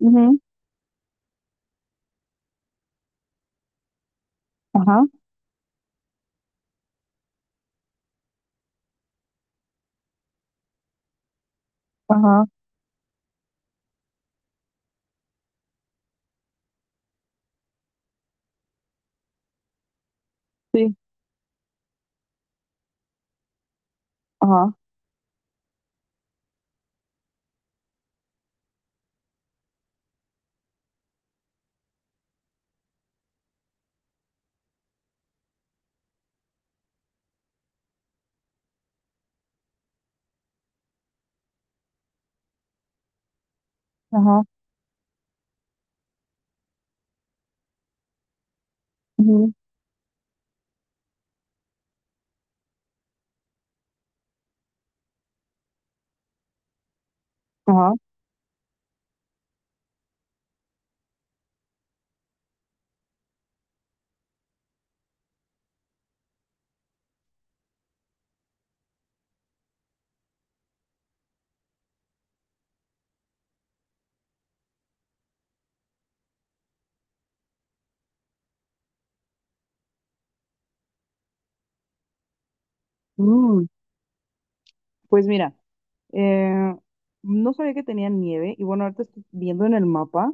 Ujú, ajá, ajá, sí, ajá, ajá, ujú, ajá. Mm, pues mira, eh, no sabía que tenía nieve y bueno, ahorita estoy viendo en el mapa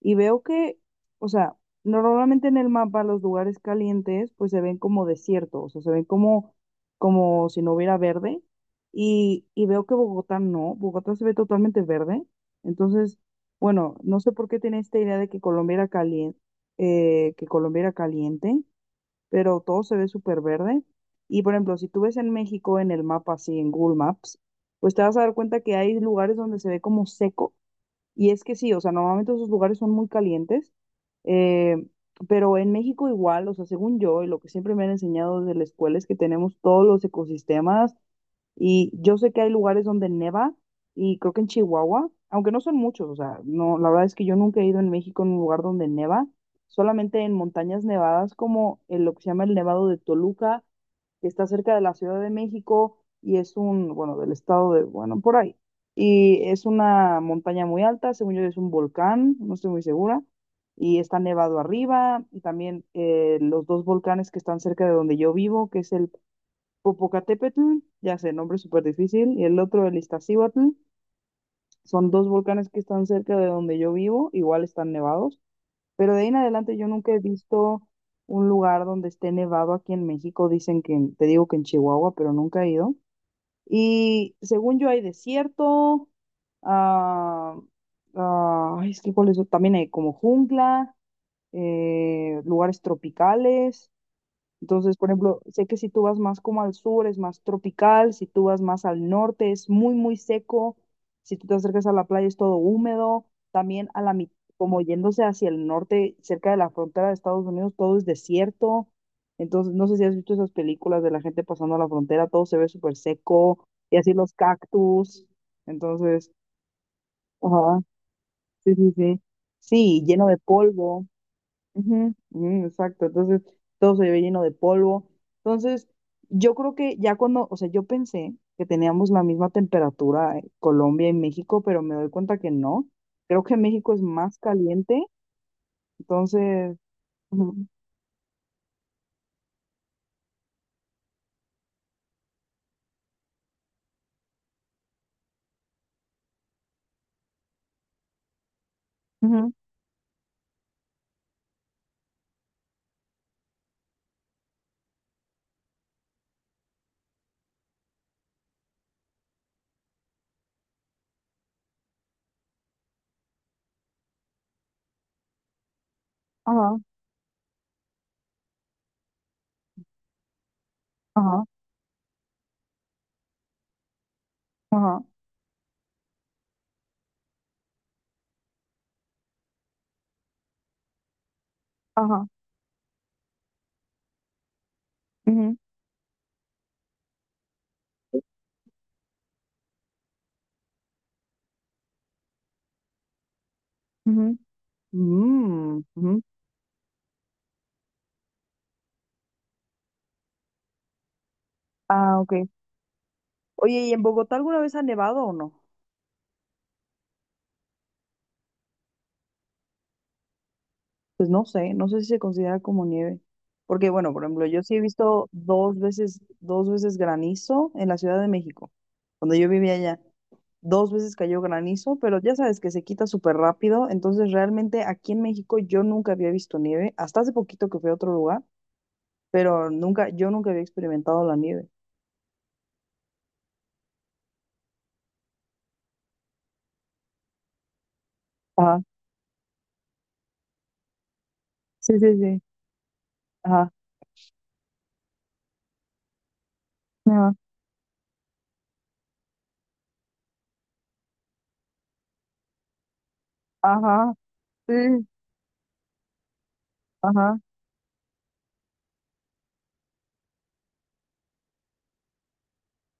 y veo que, o sea, normalmente en el mapa los lugares calientes pues se ven como desiertos, o sea, se ven como, como si no hubiera verde y veo que Bogotá no, Bogotá se ve totalmente verde, entonces, bueno, no sé por qué tenía esta idea de que Colombia era caliente, que Colombia era caliente, pero todo se ve súper verde. Y por ejemplo, si tú ves en México en el mapa, así en Google Maps, pues te vas a dar cuenta que hay lugares donde se ve como seco. Y es que sí, o sea, normalmente esos lugares son muy calientes, eh, pero en México igual, o sea, según yo y lo que siempre me han enseñado desde la escuela es que tenemos todos los ecosistemas y yo sé que hay lugares donde neva y creo que en Chihuahua, aunque no son muchos, o sea, no, la verdad es que yo nunca he ido en México a un lugar donde neva, solamente en montañas nevadas como el, lo que se llama el Nevado de Toluca, que está cerca de la Ciudad de México y es un, bueno, del estado de, bueno, por ahí. Y es una montaña muy alta, según yo es un volcán, no estoy muy segura, y está nevado arriba, y también los dos volcanes que están cerca de donde yo vivo, que es el Popocatépetl, ya sé, nombre súper difícil, y el otro, el Iztaccíhuatl, son dos volcanes que están cerca de donde yo vivo, igual están nevados, pero de ahí en adelante yo nunca he visto un lugar donde esté nevado aquí en México, dicen que, te digo que en Chihuahua, pero nunca he ido. Y según yo hay desierto, ah, ay, es que cuál es, también hay como jungla, lugares tropicales. Entonces, por ejemplo, sé que si tú vas más como al sur es más tropical, si tú vas más al norte es muy, muy seco, si tú te acercas a la playa es todo húmedo, también a la mitad, como yéndose hacia el norte, cerca de la frontera de Estados Unidos, todo es desierto. Entonces, no sé si has visto esas películas de la gente pasando a la frontera, todo se ve súper seco, y así los cactus. Entonces, ajá, sí, sí, sí. Sí, lleno de polvo. Ujú, ujú, exacto, entonces todo se ve lleno de polvo. Entonces, yo creo que ya cuando, o sea, yo pensé que teníamos la misma temperatura en Colombia y México, pero me doy cuenta que no. Creo que México es más caliente, entonces, ujú, ujú, ajá, ajá, ajá, ajá, ujú, ujú, mm, ujú. Ah, ok. Oye, ¿y en Bogotá alguna vez ha nevado o no? Pues no sé, no sé si se considera como nieve. Porque, bueno, por ejemplo, yo sí he visto dos veces granizo en la Ciudad de México, cuando yo vivía allá. Dos veces cayó granizo, pero ya sabes que se quita súper rápido. Entonces, realmente aquí en México yo nunca había visto nieve, hasta hace poquito que fui a otro lugar, pero nunca, yo nunca había experimentado la nieve. Ajá, sí, sí, sí. Ajá, ajá, ajá, sí, ajá.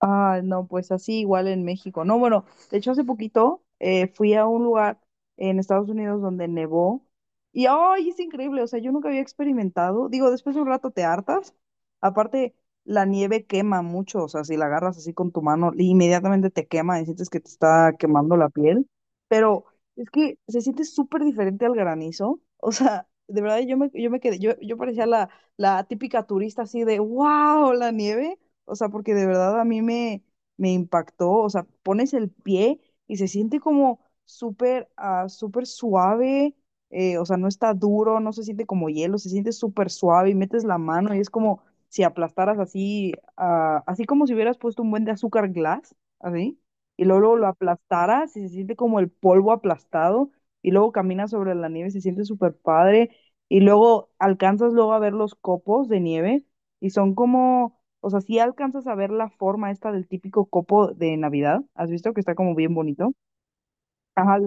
Ah, no, pues así igual en México. No, bueno, de hecho hace poquito fui a un lugar en Estados Unidos donde nevó y ¡ay! Es increíble, o sea, yo nunca había experimentado. Digo, después de un rato te hartas. Aparte, la nieve quema mucho, o sea, si la agarras así con tu mano, inmediatamente te quema y sientes que te está quemando la piel. Pero es que se siente súper diferente al granizo. O sea, de verdad yo me quedé, yo parecía la, la típica turista así de, wow, la nieve. O sea, porque de verdad me impactó. O sea, pones el pie y se siente como súper súper suave, o sea, no está duro, no se siente como hielo, se siente súper suave y metes la mano y es como si aplastaras así, así como si hubieras puesto un buen de azúcar glass, así. Y luego, luego lo aplastaras y se siente como el polvo aplastado. Y luego caminas sobre la nieve, y se siente súper padre. Y luego alcanzas luego a ver los copos de nieve y son como, o sea, si alcanzas a ver la forma esta del típico copo de Navidad, ¿has visto que está como bien bonito? Ajá,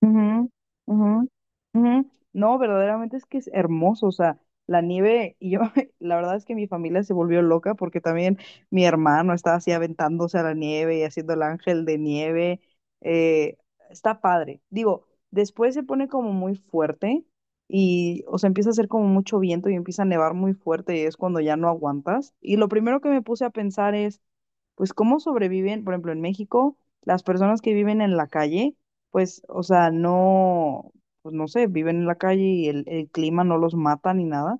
ujú, ujú, ujú. No, verdaderamente es que es hermoso, o sea, la nieve, y yo, la verdad es que mi familia se volvió loca porque también mi hermano estaba así aventándose a la nieve y haciendo el ángel de nieve, eh, está padre. Digo, después se pone como muy fuerte y, o sea, empieza a hacer como mucho viento y empieza a nevar muy fuerte y es cuando ya no aguantas. Y lo primero que me puse a pensar es pues cómo sobreviven, por ejemplo, en México, las personas que viven en la calle, pues, o sea, no, pues no sé, viven en la calle y el clima no los mata ni nada,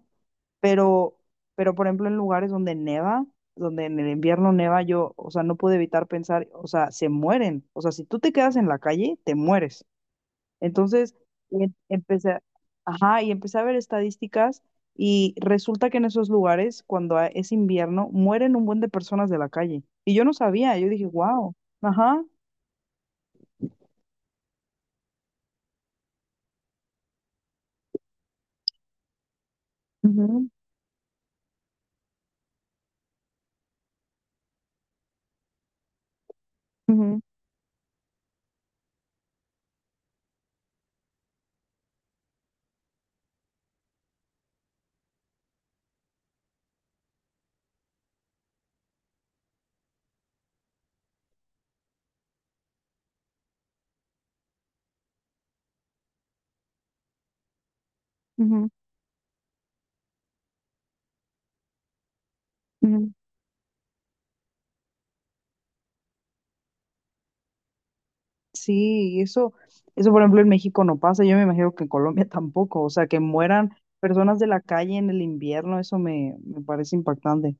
pero, pero por ejemplo, en lugares donde neva, donde en el invierno neva, yo, o sea, no pude evitar pensar, o sea, se mueren, o sea, si tú te quedas en la calle, te mueres. Entonces, em- empecé, a- ajá, y empecé a ver estadísticas y resulta que en esos lugares, cuando es invierno, mueren un buen de personas de la calle. Y yo no sabía, yo dije, wow, ajá, ujú, ujú, ujú, ujú". Sí, y eso por ejemplo en México no pasa, yo me imagino que en Colombia tampoco, o sea, que mueran personas de la calle en el invierno, eso me parece impactante.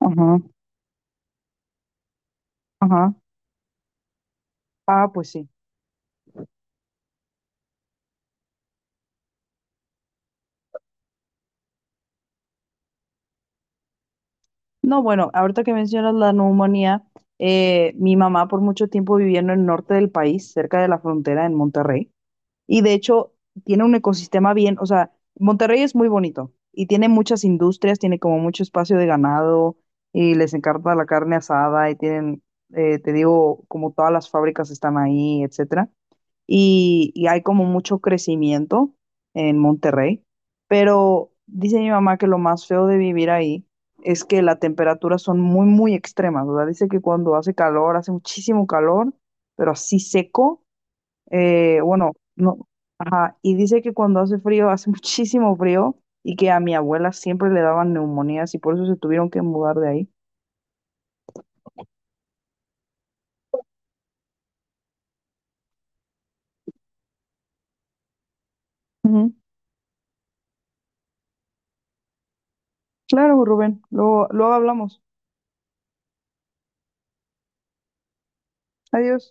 Ajá, ajá. Ah, pues sí. No, bueno, ahorita que mencionas la neumonía, mi mamá por mucho tiempo viviendo en el norte del país, cerca de la frontera en Monterrey. Y de hecho, tiene un ecosistema bien, o sea, Monterrey es muy bonito y tiene muchas industrias, tiene como mucho espacio de ganado y les encanta la carne asada y tienen, te digo, como todas las fábricas están ahí, etcétera. Y hay como mucho crecimiento en Monterrey, pero dice mi mamá que lo más feo de vivir ahí es que las temperaturas son muy, muy extremas, o sea, dice que cuando hace calor, hace muchísimo calor, pero así seco, bueno, no, ajá. Y dice que cuando hace frío, hace muchísimo frío y que a mi abuela siempre le daban neumonías y por eso se tuvieron que mudar de ahí. Ujú. Claro, Rubén, luego, luego hablamos. Adiós.